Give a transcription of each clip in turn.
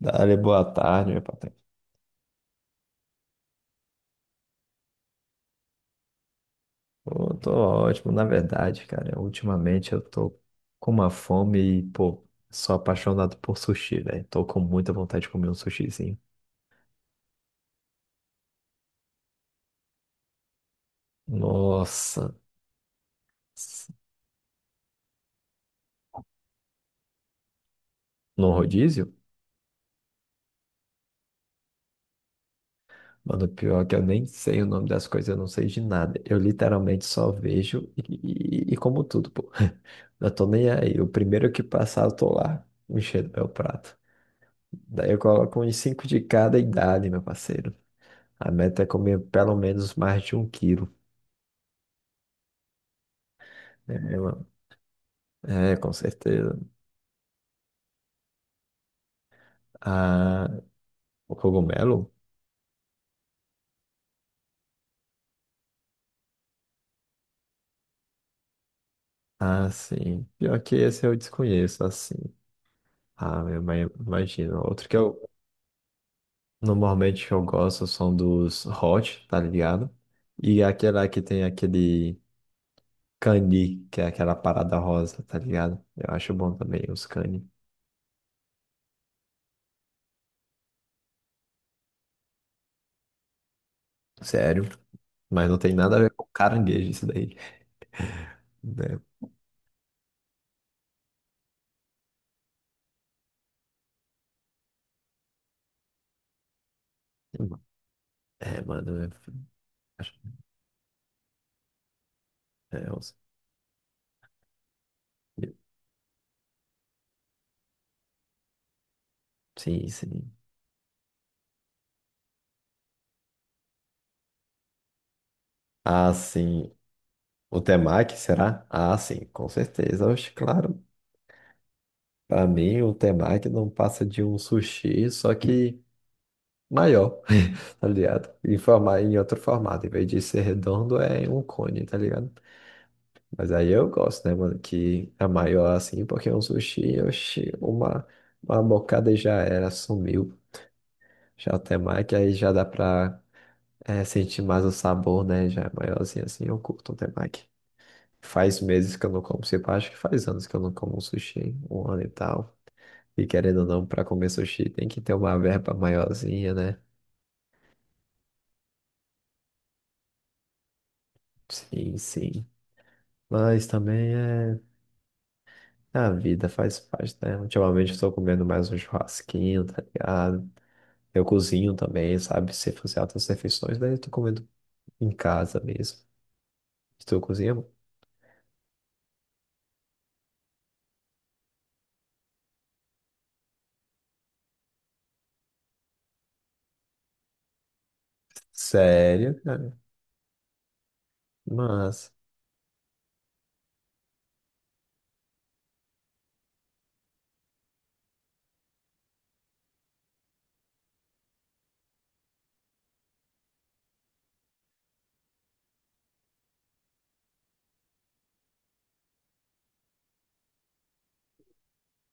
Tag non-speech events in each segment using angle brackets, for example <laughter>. Dale, boa tarde, meu patrão. Pô, tô ótimo, na verdade, cara. Ultimamente eu tô com uma fome e, pô, sou apaixonado por sushi, velho. Tô com muita vontade de comer um sushizinho. Nossa, s- no rodízio? Mano, pior que eu nem sei o nome das coisas, eu não sei de nada. Eu literalmente só vejo e, e como tudo, pô. <laughs> Eu tô nem aí. O primeiro que passar, eu tô lá, enchendo meu prato. Daí eu coloco uns cinco de cada idade, meu parceiro. A meta é comer pelo menos mais de um quilo. É, mano. É, com certeza. Ah, o cogumelo? Ah, sim. Pior que esse eu desconheço, assim. Ah, eu imagino. Outro que eu normalmente eu gosto são dos hot, tá ligado? E aquela que tem aquele cani, que é aquela parada rosa, tá ligado? Eu acho bom também os cani. Sério. Mas não tem nada a ver com caranguejo isso daí. Né? É, mano. É, acho- é, uns- Sim, sim. Ah, sim. O temaki, será? Ah, sim, com certeza. Oxe, claro. Pra mim, o temaki não passa de um sushi, só que maior, <laughs> tá ligado? Em, forma, em outro formato. Em vez de ser redondo, é um cone, tá ligado? Mas aí eu gosto, né, mano? Que é maior assim, porque é um sushi, oxe, uma bocada e já era, sumiu. Já o temaki, aí já dá pra sentir mais o sabor, né? Já é maiorzinho assim, eu curto o temaki. Faz meses que eu não como ceviche, acho que faz anos que eu não como um sushi, hein? Um ano e tal. E querendo ou não, para comer sushi tem que ter uma verba maiorzinha, né? Sim, sim. Mas também é a vida, faz parte, né? Ultimamente eu tô comendo mais um churrasquinho, tá ligado? Eu cozinho também, sabe? Se fazer altas refeições, daí eu tô comendo em casa mesmo. Estou cozinhando? Sério, cara? Mas.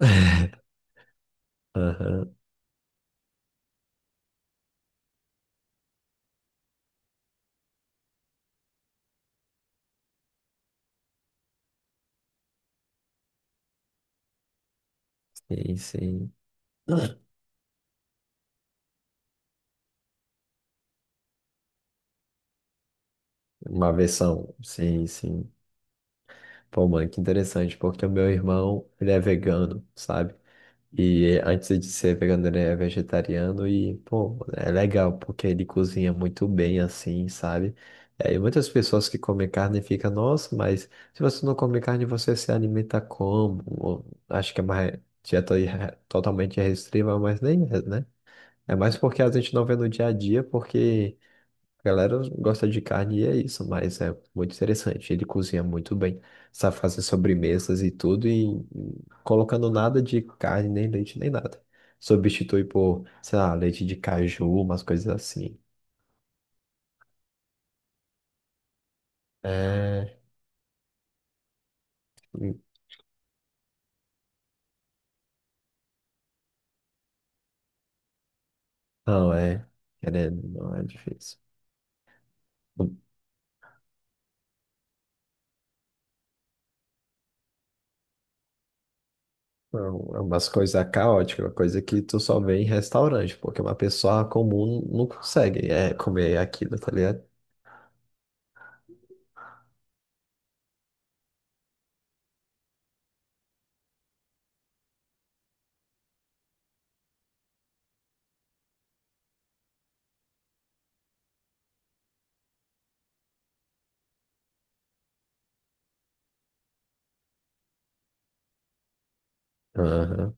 <laughs> Aham, sim, sim. Uma versão, sim, sim. Pô, mano, que interessante, porque o meu irmão, ele é vegano, sabe? E antes de ser vegano, ele é vegetariano e, pô, é legal, porque ele cozinha muito bem assim, sabe? É, e muitas pessoas que comem carne ficam, nossa, mas se você não come carne, você se alimenta como? Ou, acho que é uma dieta totalmente restritiva, mas nem é, né? É mais porque a gente não vê no dia a dia, porque a galera gosta de carne e é isso, mas é muito interessante. Ele cozinha muito bem, sabe fazer sobremesas e tudo, e colocando nada de carne, nem leite, nem nada. Substitui por, sei lá, leite de caju, umas coisas assim. É. Não, é. Querendo, não é difícil. Não, é umas coisas caóticas, uma coisa que tu só vê em restaurante, porque uma pessoa comum não consegue é, comer aquilo, tá ligado? Aham.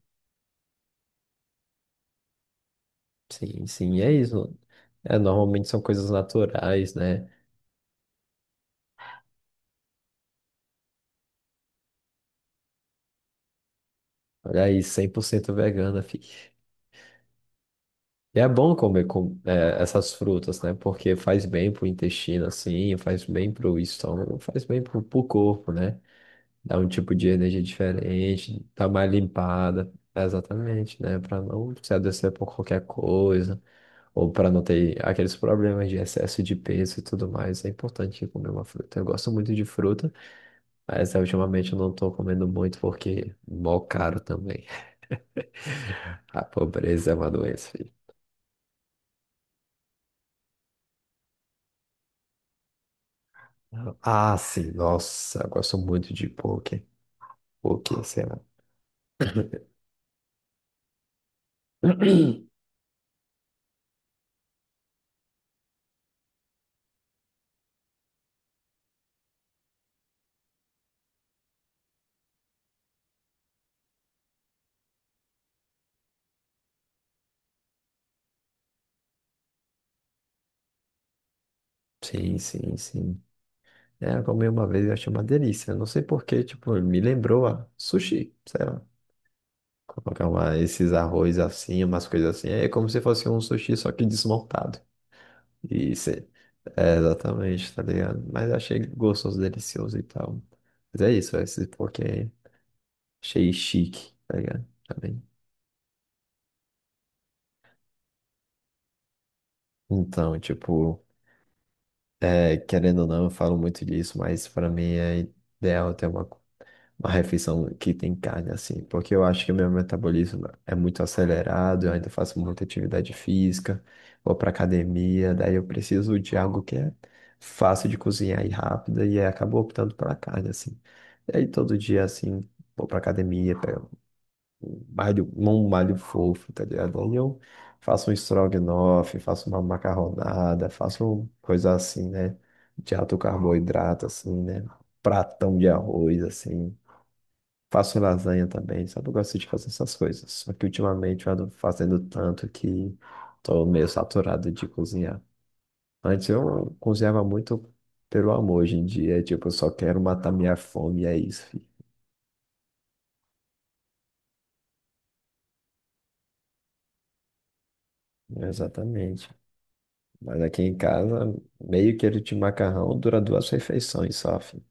Sim, sim, e é isso. É, normalmente são coisas naturais, né? Olha aí, 100% vegana, fi. E é bom comer com, é, essas frutas, né? Porque faz bem pro intestino, assim, faz bem pro estômago, faz bem pro, pro corpo, né? Dá um tipo de energia diferente, tá mais limpada, é, exatamente, né? Pra não se adoecer por qualquer coisa, ou pra não ter aqueles problemas de excesso de peso e tudo mais. É importante comer uma fruta. Eu gosto muito de fruta. Mas ultimamente eu não tô comendo muito porque mó caro também. <laughs> A pobreza é uma doença, filho. Ah, sim, nossa, eu gosto muito de poke. Poke, sei lá. <clears throat> Sim, sim, sim. É, eu comi uma vez e achei uma delícia. Eu não sei por quê, tipo, me lembrou a sushi, sei lá. Colocar uma, esses arroz assim, umas coisas assim. É como se fosse um sushi, só que desmontado. Isso, é, é, exatamente, tá ligado? Mas achei gostoso, delicioso e tal. Mas é isso, é esse porquê. Achei chique, tá ligado? Também. Então, tipo, é, querendo ou não, eu falo muito disso, mas para mim é ideal ter uma, uma refeição que tem carne, assim, porque eu acho que meu metabolismo é muito acelerado, eu ainda faço muita atividade física, vou pra academia, daí eu preciso de algo que é fácil de cozinhar e rápida, e aí acabo optando pela carne, assim. E aí todo dia, assim, vou pra academia, um malho fofo, tá ligado? Aí eu faço um estrogonofe, faço uma macarronada, faço coisa assim, né? De alto carboidrato, assim, né? Pratão de arroz, assim. Faço lasanha também, sabe? Eu gosto de fazer essas coisas. Só que ultimamente eu ando fazendo tanto que tô meio saturado de cozinhar. Antes eu cozinhava muito pelo amor, hoje em dia, tipo, eu só quero matar minha fome, e é isso, filho. Exatamente. Mas aqui em casa, meio quilo de macarrão dura duas refeições só, filho.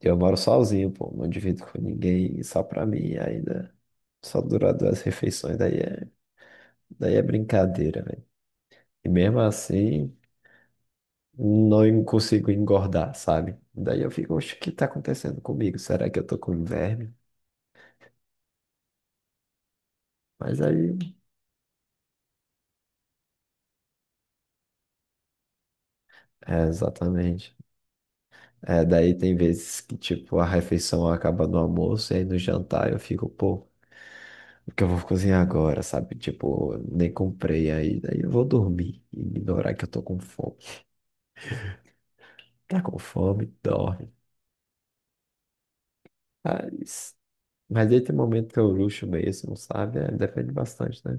Eu moro sozinho, pô, não divido com ninguém, e só pra mim ainda. Só dura duas refeições, daí é brincadeira, velho. E mesmo assim, não en- consigo engordar, sabe? Daí eu fico, oxe, o que tá acontecendo comigo? Será que eu tô com verme? Mas aí, é exatamente. É, daí tem vezes que, tipo, a refeição acaba no almoço e aí no jantar eu fico, pô. Porque eu vou cozinhar agora, sabe? Tipo, nem comprei ainda. Aí eu vou dormir e ignorar que eu tô com fome. Tá com fome? Dorme. Mas, mas aí tem momento que eu luxo mesmo, sabe? É, depende bastante, né?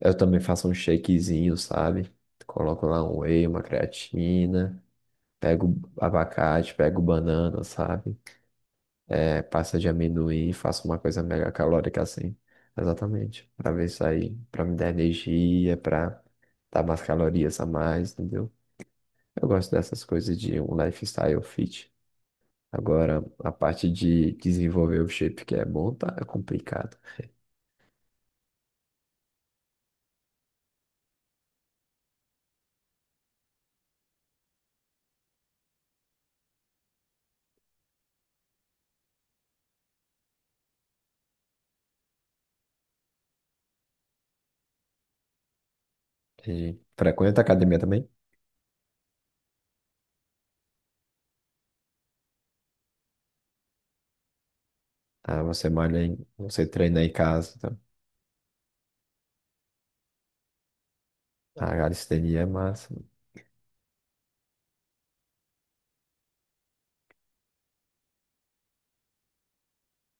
Eu também faço um shakezinho, sabe? Coloco lá um whey, uma creatina. Pego abacate, pego banana, sabe? É, pasta de amendoim, faço uma coisa mega calórica assim. Exatamente. Pra ver isso aí, pra me dar energia, pra dar umas calorias a mais, entendeu? Eu gosto dessas coisas de um lifestyle fit. Agora, a parte de desenvolver o shape que é bom, tá? É complicado. E frequenta a academia também? Ah, você malha em, você treina em casa, tá? A calistenia é massa.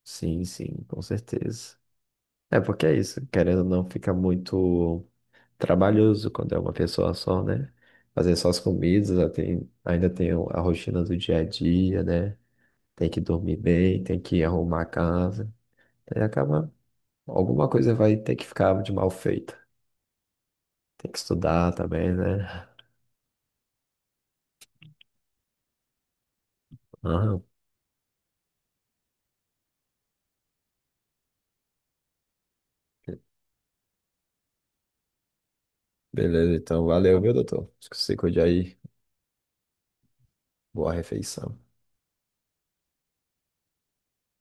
Sim, sim, com certeza. É porque é isso, querendo ou não, fica muito trabalhoso quando é uma pessoa só, né? Fazer só as comidas, ainda tem a rotina do dia a dia, né? Tem que dormir bem, tem que arrumar a casa. Aí acaba, alguma coisa vai ter que ficar de mal feita. Tem que estudar também, né? Aham. Beleza, então valeu, viu, doutor? Se cuide aí. Boa refeição.